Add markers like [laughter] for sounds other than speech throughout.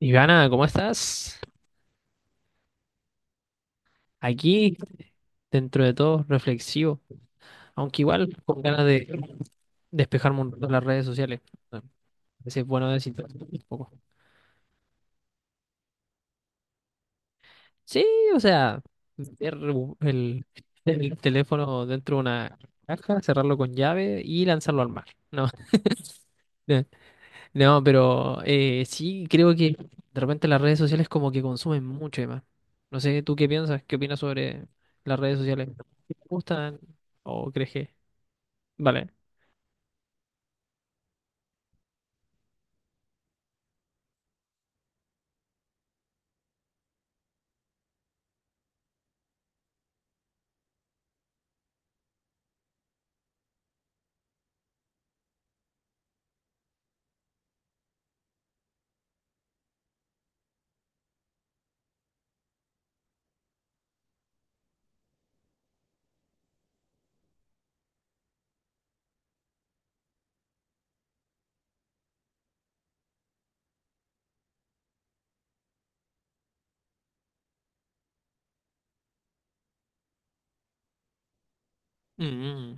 Ivana, ¿cómo estás? Aquí, dentro de todo, reflexivo, aunque igual con ganas de despejarme un rato las redes sociales. A veces es bueno desintoxicarse un poco. Sí, o sea, meter el, el teléfono dentro de una caja, cerrarlo con llave y lanzarlo al mar. No, [laughs] no, pero sí creo que de repente las redes sociales como que consumen mucho y más. No sé, ¿tú qué piensas? ¿Qué opinas sobre las redes sociales? ¿Te gustan o crees que... Vale. Mm.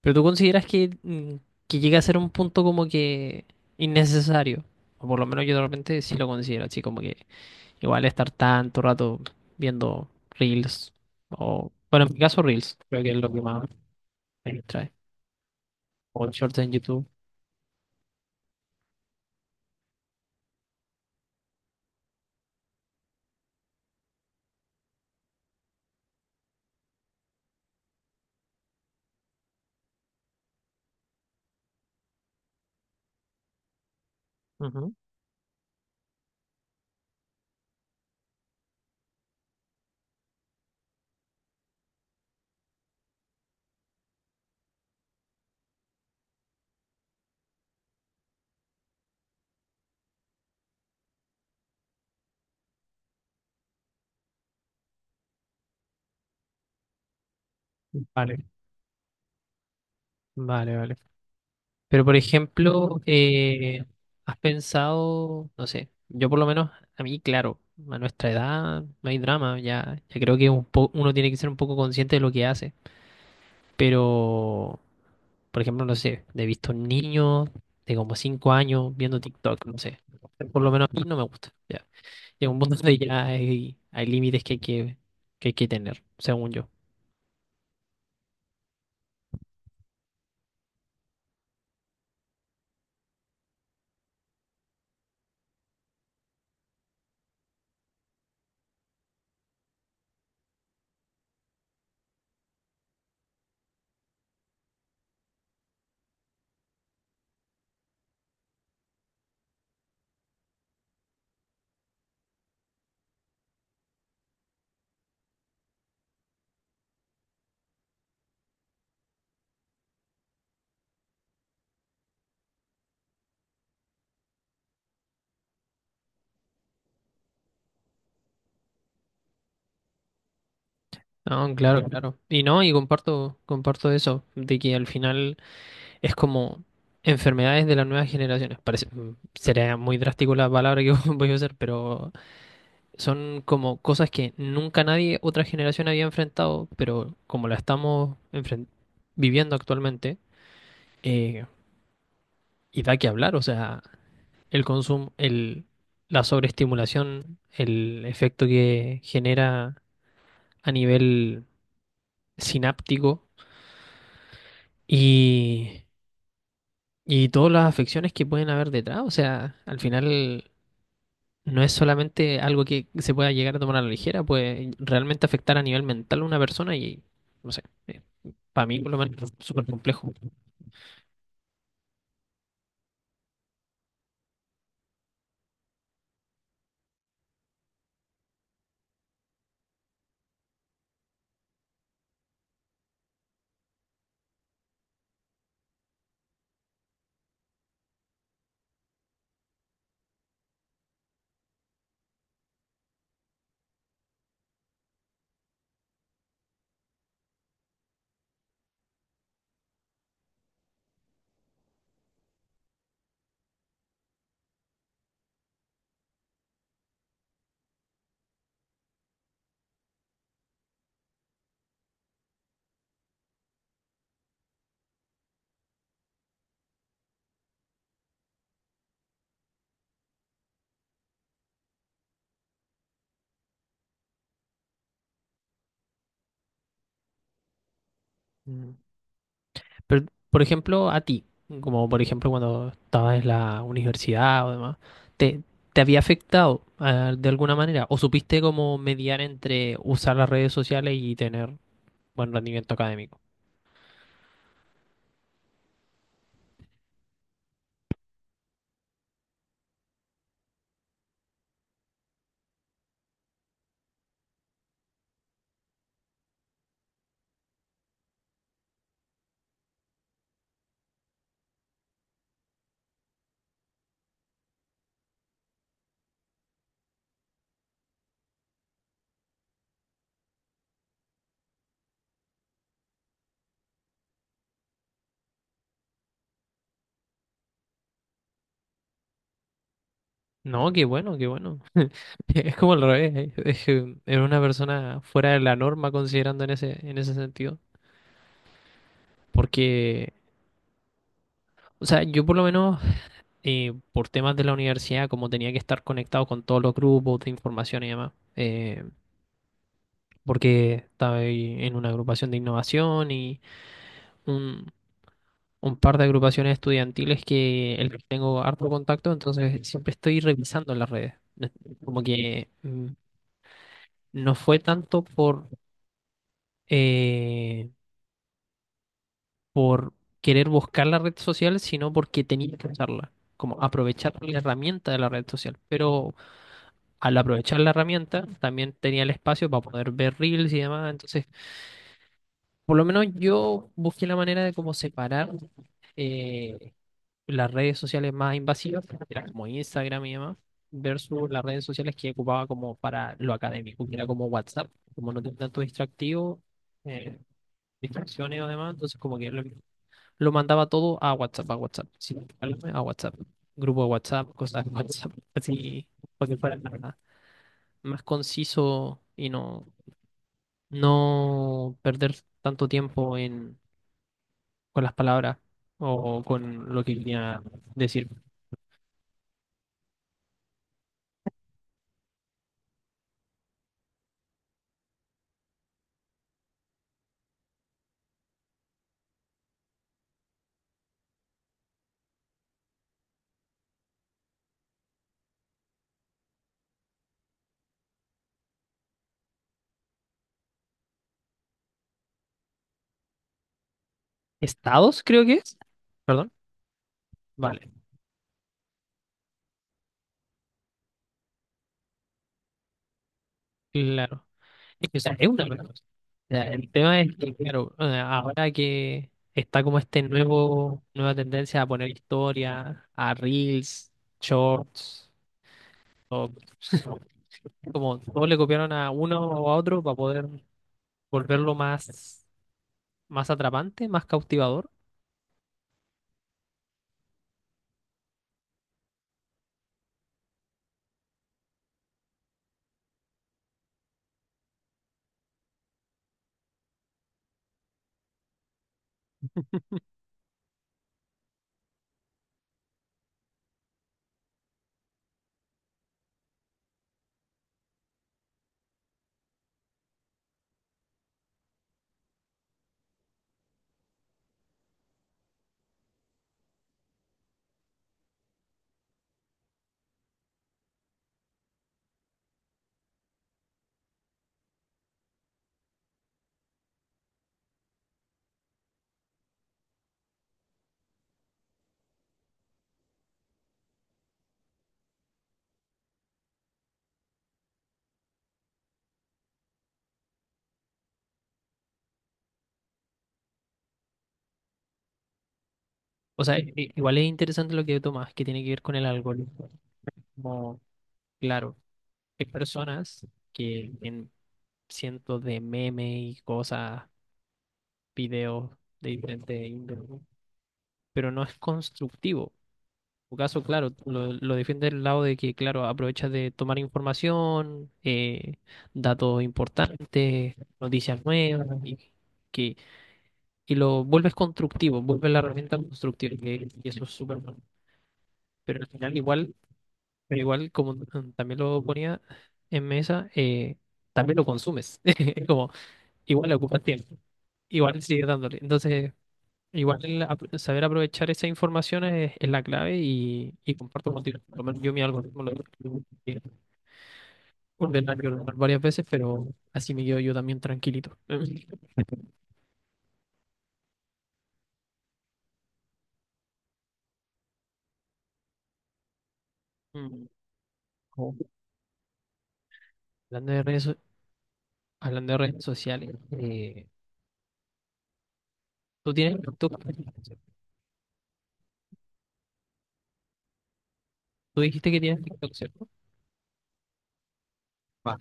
Pero tú consideras que, que llega a ser un punto como que innecesario. O por lo menos yo de repente sí lo considero así, como que igual estar tanto rato viendo Reels. O, bueno, en mi caso Reels, creo que es lo que más me distrae. O shorts en YouTube. Ujú. Vale, vale, vale. Pero por ejemplo, ¿has pensado, no sé, yo por lo menos, a mí, claro, a nuestra edad no hay drama, ya, ya creo que un uno tiene que ser un poco consciente de lo que hace. Pero, por ejemplo, no sé, he visto niños de como 5 años viendo TikTok, no sé. Por lo menos a mí no me gusta. Ya. Llega un punto [laughs] donde ya hay límites que hay que hay que tener, según yo. No, claro, claro. Y no, y comparto eso, de que al final es como enfermedades de las nuevas generaciones. Parece, sería muy drástico la palabra que [laughs] voy a usar, pero son como cosas que nunca nadie, otra generación había enfrentado, pero como la estamos viviendo actualmente, eh, y da que hablar, o sea, el consumo, la sobreestimulación, el efecto que genera a nivel sináptico y, y todas las afecciones que pueden haber detrás, o sea, al final no es solamente algo que se pueda llegar a tomar a la ligera, puede realmente afectar a nivel mental a una persona y, no sé. Para mí por lo menos es súper complejo. Mm. Pero, por ejemplo, a ti, mm, como por ejemplo cuando estabas en la universidad o demás, ¿te, ¿te había afectado ah, de alguna manera? ¿O supiste cómo mediar entre usar las redes sociales y tener buen rendimiento académico? No, qué bueno, qué bueno. [laughs] Es como al revés, ¿eh? Es que era una persona fuera de la norma considerando en en ese sentido. Porque, o sea, yo por lo menos por temas de la universidad, como tenía que estar conectado con todos los grupos de información y demás, porque estaba ahí en una agrupación de innovación y un, un par de agrupaciones estudiantiles que el que tengo harto contacto, entonces siempre estoy revisando las redes. No es- Como que no fue tanto eh, por querer buscar la red social, sino porque tenía que usarla, como aprovechar la herramienta de la red social. Pero al aprovechar la herramienta, también tenía el espacio para poder ver reels y demás. Entonces, por lo menos yo busqué la manera de cómo separar eh, las redes sociales más invasivas, que eran como Instagram y demás, versus las redes sociales que ocupaba como para lo académico, que era como WhatsApp, como no tenía tanto distractivo, eh, distracciones o demás, entonces como que lo mandaba todo a WhatsApp, sin preocuparme, a WhatsApp, grupo de WhatsApp, cosas de WhatsApp, así, porque fuera más conciso y no, no perder tanto tiempo en, con las palabras o con lo que quería decir. Estados, creo que es. Perdón. Vale, claro. Es que, o sea, es una cosa. O sea, el tema es que, claro, o sea, ahora que está como este nueva tendencia a poner historia, a reels, shorts, o [laughs] como todos le copiaron a uno o a otro para poder volverlo más. Más atrapante, más cautivador. O sea, igual es interesante lo que tomas, que tiene que ver con el algoritmo. Como, claro, hay personas que en cientos de memes y cosas, videos de diferentes índole, ¿no? Pero no es constructivo. En tu caso, claro, tú lo defiende del lado de que, claro, aprovechas de tomar información, datos importantes, noticias nuevas, y que y lo vuelves constructivo, vuelves la herramienta constructiva, que eso es súper bueno. Pero al final igual, pero igual como también lo ponía en mesa, también lo consumes. [laughs] Es como, igual le ocupas tiempo, igual sigues dándole. Entonces, igual el saber aprovechar esa información es la clave y comparto contigo. Por lo menos yo mi algoritmo lo tengo que ordenar y ordenar varias veces, pero así me quedo yo también tranquilito. [laughs] Mm, como hablando de redes, hablando de redes sociales, tú tienes TikTok. Tú dijiste que tienes TikTok, ¿cierto? Va,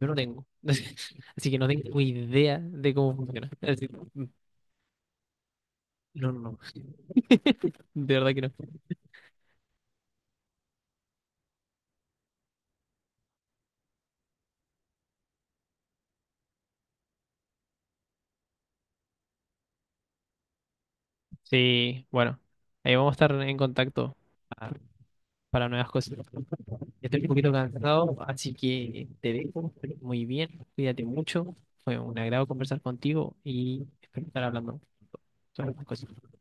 yo no tengo. [laughs] Así que no tengo idea de cómo funciona. Así- no, no, no. [laughs] De verdad que no. Sí, bueno. Ahí vamos a estar en contacto pa- para nuevas cosas. Estoy un poquito cansado, así que te dejo. Muy bien, cuídate mucho. Fue un agrado conversar contigo y espero estar hablando sobre estas cosas.